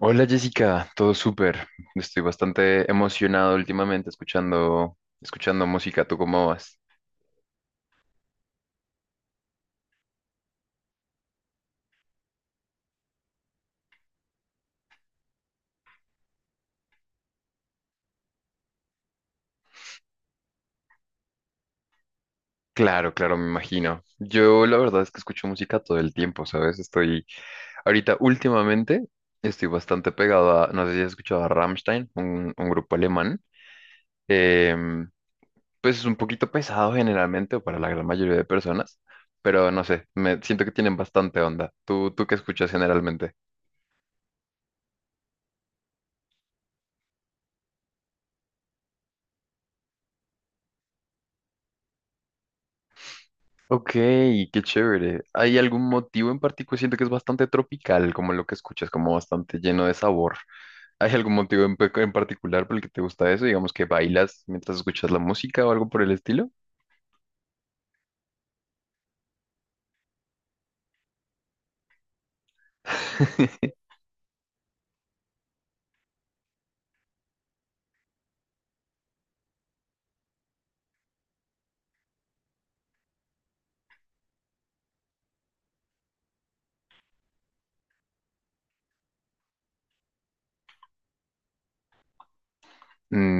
Hola Jessica, todo súper. Estoy bastante emocionado últimamente escuchando música. ¿Tú cómo vas? Claro, claro, me imagino. Yo la verdad es que escucho música todo el tiempo, ¿sabes? Estoy ahorita últimamente estoy bastante pegado a, no sé si has escuchado a Rammstein, un grupo alemán. Em, pues es un poquito pesado generalmente o para la gran mayoría de personas, pero no sé, me siento que tienen bastante onda. ¿Tú qué escuchas generalmente? Ok, qué chévere. ¿Hay algún motivo en particular? Siento que es bastante tropical, como lo que escuchas, como bastante lleno de sabor. ¿Hay algún motivo en particular por el que te gusta eso? Digamos que bailas mientras escuchas la música o algo por el estilo.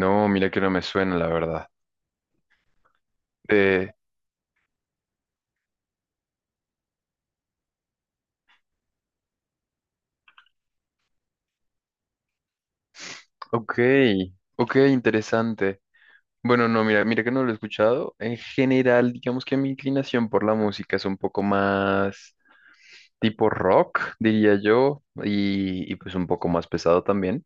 No, mira que no me suena, la verdad. Eh, ok, ok, interesante. Bueno, no, mira que no lo he escuchado. En general, digamos que mi inclinación por la música es un poco más tipo rock, diría yo, y pues un poco más pesado también,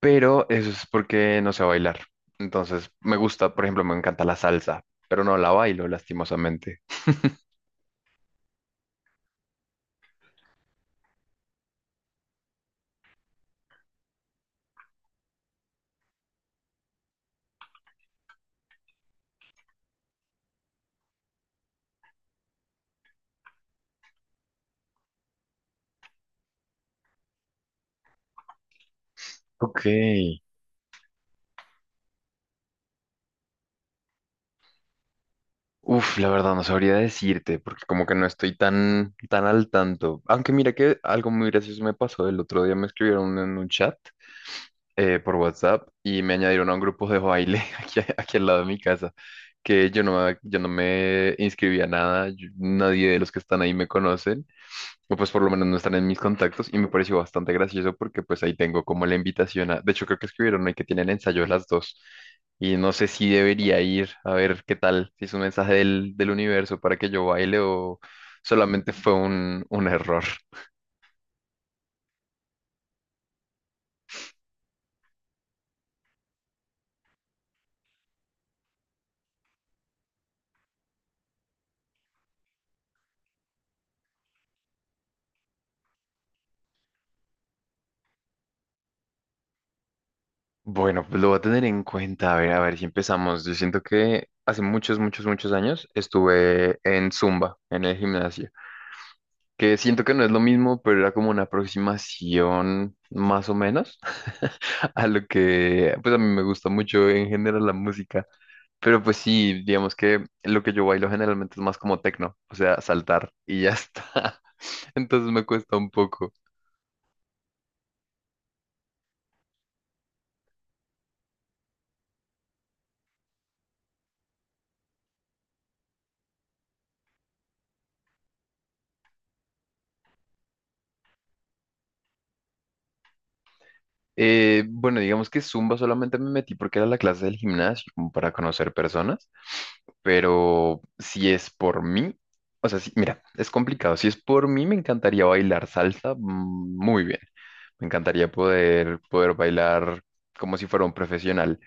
pero eso es porque no sé bailar. Entonces, me gusta, por ejemplo, me encanta la salsa, pero no la bailo, lastimosamente. Ok. Uf, la verdad no sabría decirte, porque como que no estoy tan al tanto. Aunque mira que algo muy gracioso me pasó. El otro día me escribieron en un chat por WhatsApp y me añadieron a un grupo de baile aquí al lado de mi casa, que yo no me inscribí a nada, nadie de los que están ahí me conocen, o pues por lo menos no están en mis contactos y me pareció bastante gracioso porque pues ahí tengo como la invitación a, de hecho creo que escribieron ahí que tienen ensayo a las dos y no sé si debería ir a ver qué tal, si es un mensaje del universo para que yo baile o solamente fue un error. Bueno, pues lo voy a tener en cuenta. A ver si empezamos. Yo siento que hace muchos, muchos, muchos años estuve en Zumba, en el gimnasio, que siento que no es lo mismo, pero era como una aproximación más o menos a lo que, pues a mí me gusta mucho en general la música. Pero pues sí, digamos que lo que yo bailo generalmente es más como techno, o sea, saltar y ya está. Entonces me cuesta un poco. Bueno, digamos que Zumba solamente me metí porque era la clase del gimnasio, como para conocer personas, pero si es por mí, o sea, sí, mira, es complicado. Si es por mí, me encantaría bailar salsa mm, muy bien. Me encantaría poder bailar como si fuera un profesional,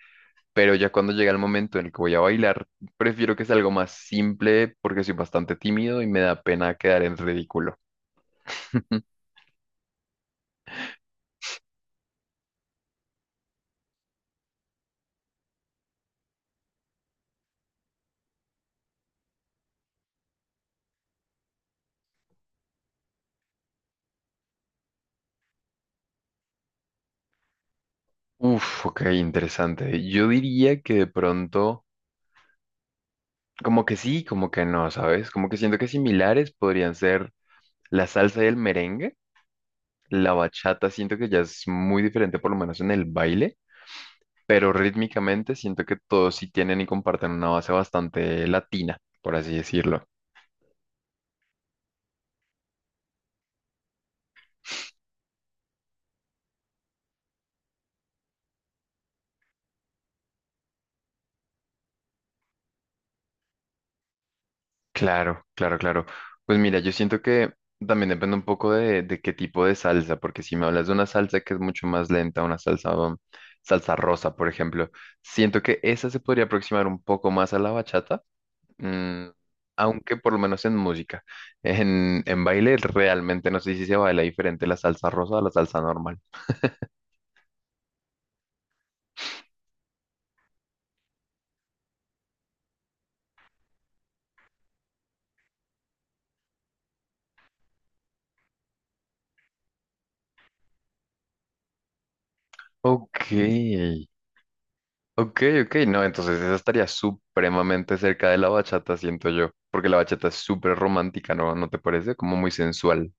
pero ya cuando llega el momento en el que voy a bailar, prefiero que sea algo más simple porque soy bastante tímido y me da pena quedar en ridículo. Uf, ok, interesante. Yo diría que de pronto... Como que sí, como que no, ¿sabes? Como que siento que similares podrían ser la salsa y el merengue. La bachata siento que ya es muy diferente, por lo menos en el baile, pero rítmicamente siento que todos sí tienen y comparten una base bastante latina, por así decirlo. Claro, claro, claro. Pues mira, yo siento que también depende un poco de qué tipo de salsa, porque si me hablas de una salsa que es mucho más lenta, una salsa, salsa rosa, por ejemplo, siento que esa se podría aproximar un poco más a la bachata. Mm, aunque por lo menos en música. En baile realmente no sé si se baila diferente la salsa rosa a la salsa normal. Ok, ok, ok. No, entonces esa estaría supremamente cerca de la bachata, siento yo, porque la bachata es súper romántica, ¿no? ¿No te parece? Como muy sensual.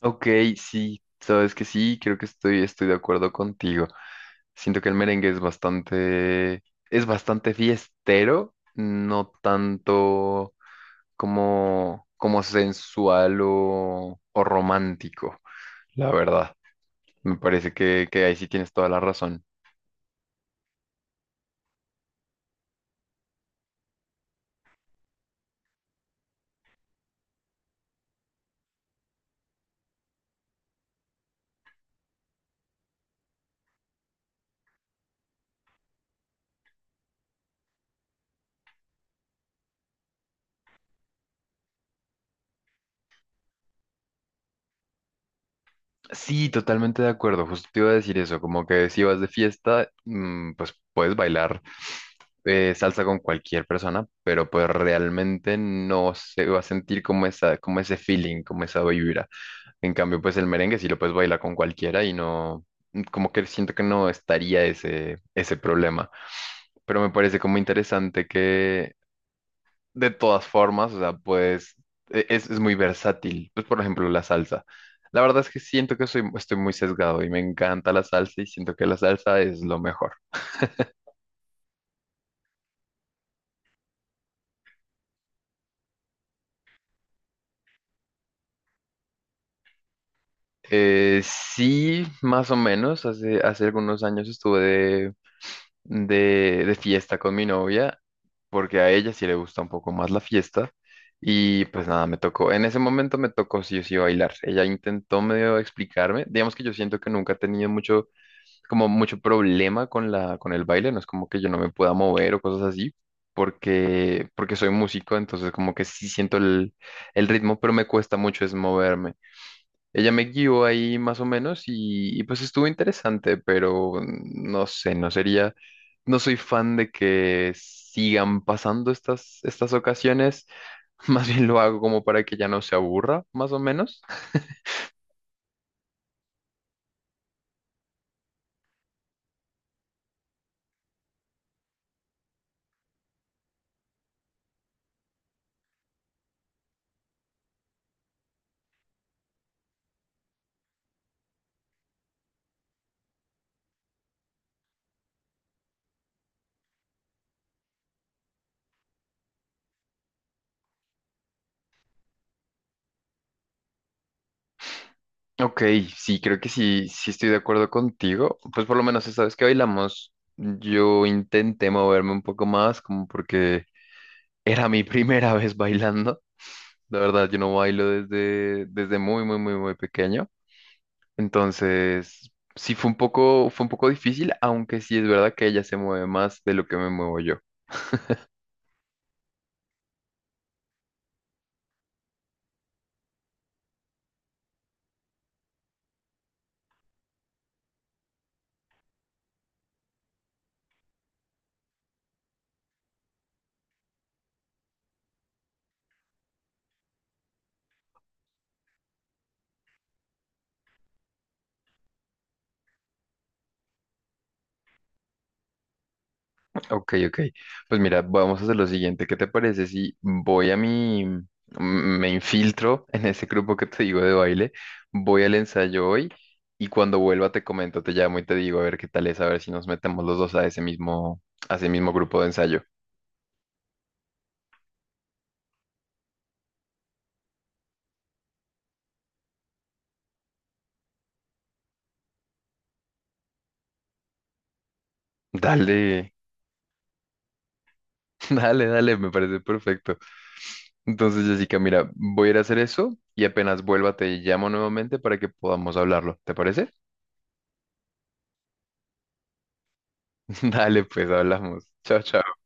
Ok, sí, sabes que sí, creo que estoy de acuerdo contigo. Siento que el merengue es bastante fiestero, no tanto como, como sensual o romántico, la verdad. Me parece que ahí sí tienes toda la razón. Sí, totalmente de acuerdo. Justo te iba a decir eso, como que si vas de fiesta, mm, pues puedes bailar salsa con cualquier persona, pero pues realmente no se va a sentir como esa, como ese feeling, como esa vibra. En cambio, pues el merengue sí lo puedes bailar con cualquiera y no, como que siento que no estaría ese problema. Pero me parece como interesante de todas formas, o sea, pues es muy versátil. Pues, por ejemplo, la salsa. La verdad es que siento que estoy muy sesgado y me encanta la salsa y siento que la salsa es lo mejor. Sí, más o menos. Hace, hace algunos años estuve de fiesta con mi novia porque a ella sí le gusta un poco más la fiesta. Y pues nada, me tocó, en ese momento me tocó sí o sí bailar. Ella intentó medio explicarme. Digamos que yo siento que nunca he tenido mucho problema con con el baile, no es como que yo no me pueda mover o cosas así, porque soy músico, entonces como que sí siento el ritmo, pero me cuesta mucho es moverme. Ella me guió ahí más o menos y pues estuvo interesante, pero no sé, no soy fan de que sigan pasando estas, estas ocasiones, más bien lo hago como para que ya no se aburra, más o menos. Ok, sí, creo que sí, sí estoy de acuerdo contigo. Pues por lo menos esta vez que bailamos, yo intenté moverme un poco más, como porque era mi primera vez bailando. La verdad, yo no bailo desde, desde muy, muy, muy, muy pequeño. Entonces, sí fue un poco difícil, aunque sí es verdad que ella se mueve más de lo que me muevo yo. Ok, ok. Pues mira, vamos a hacer lo siguiente. ¿Qué te parece si voy me infiltro en ese grupo que te digo de baile, voy al ensayo hoy y cuando vuelva te comento, te llamo y te digo a ver qué tal es, a ver si nos metemos los dos a ese mismo grupo de ensayo. Dale, dale, dale, me parece perfecto. Entonces, Jessica, mira, voy a ir a hacer eso y apenas vuelva te llamo nuevamente para que podamos hablarlo. ¿Te parece? Dale, pues hablamos. Chao, chao.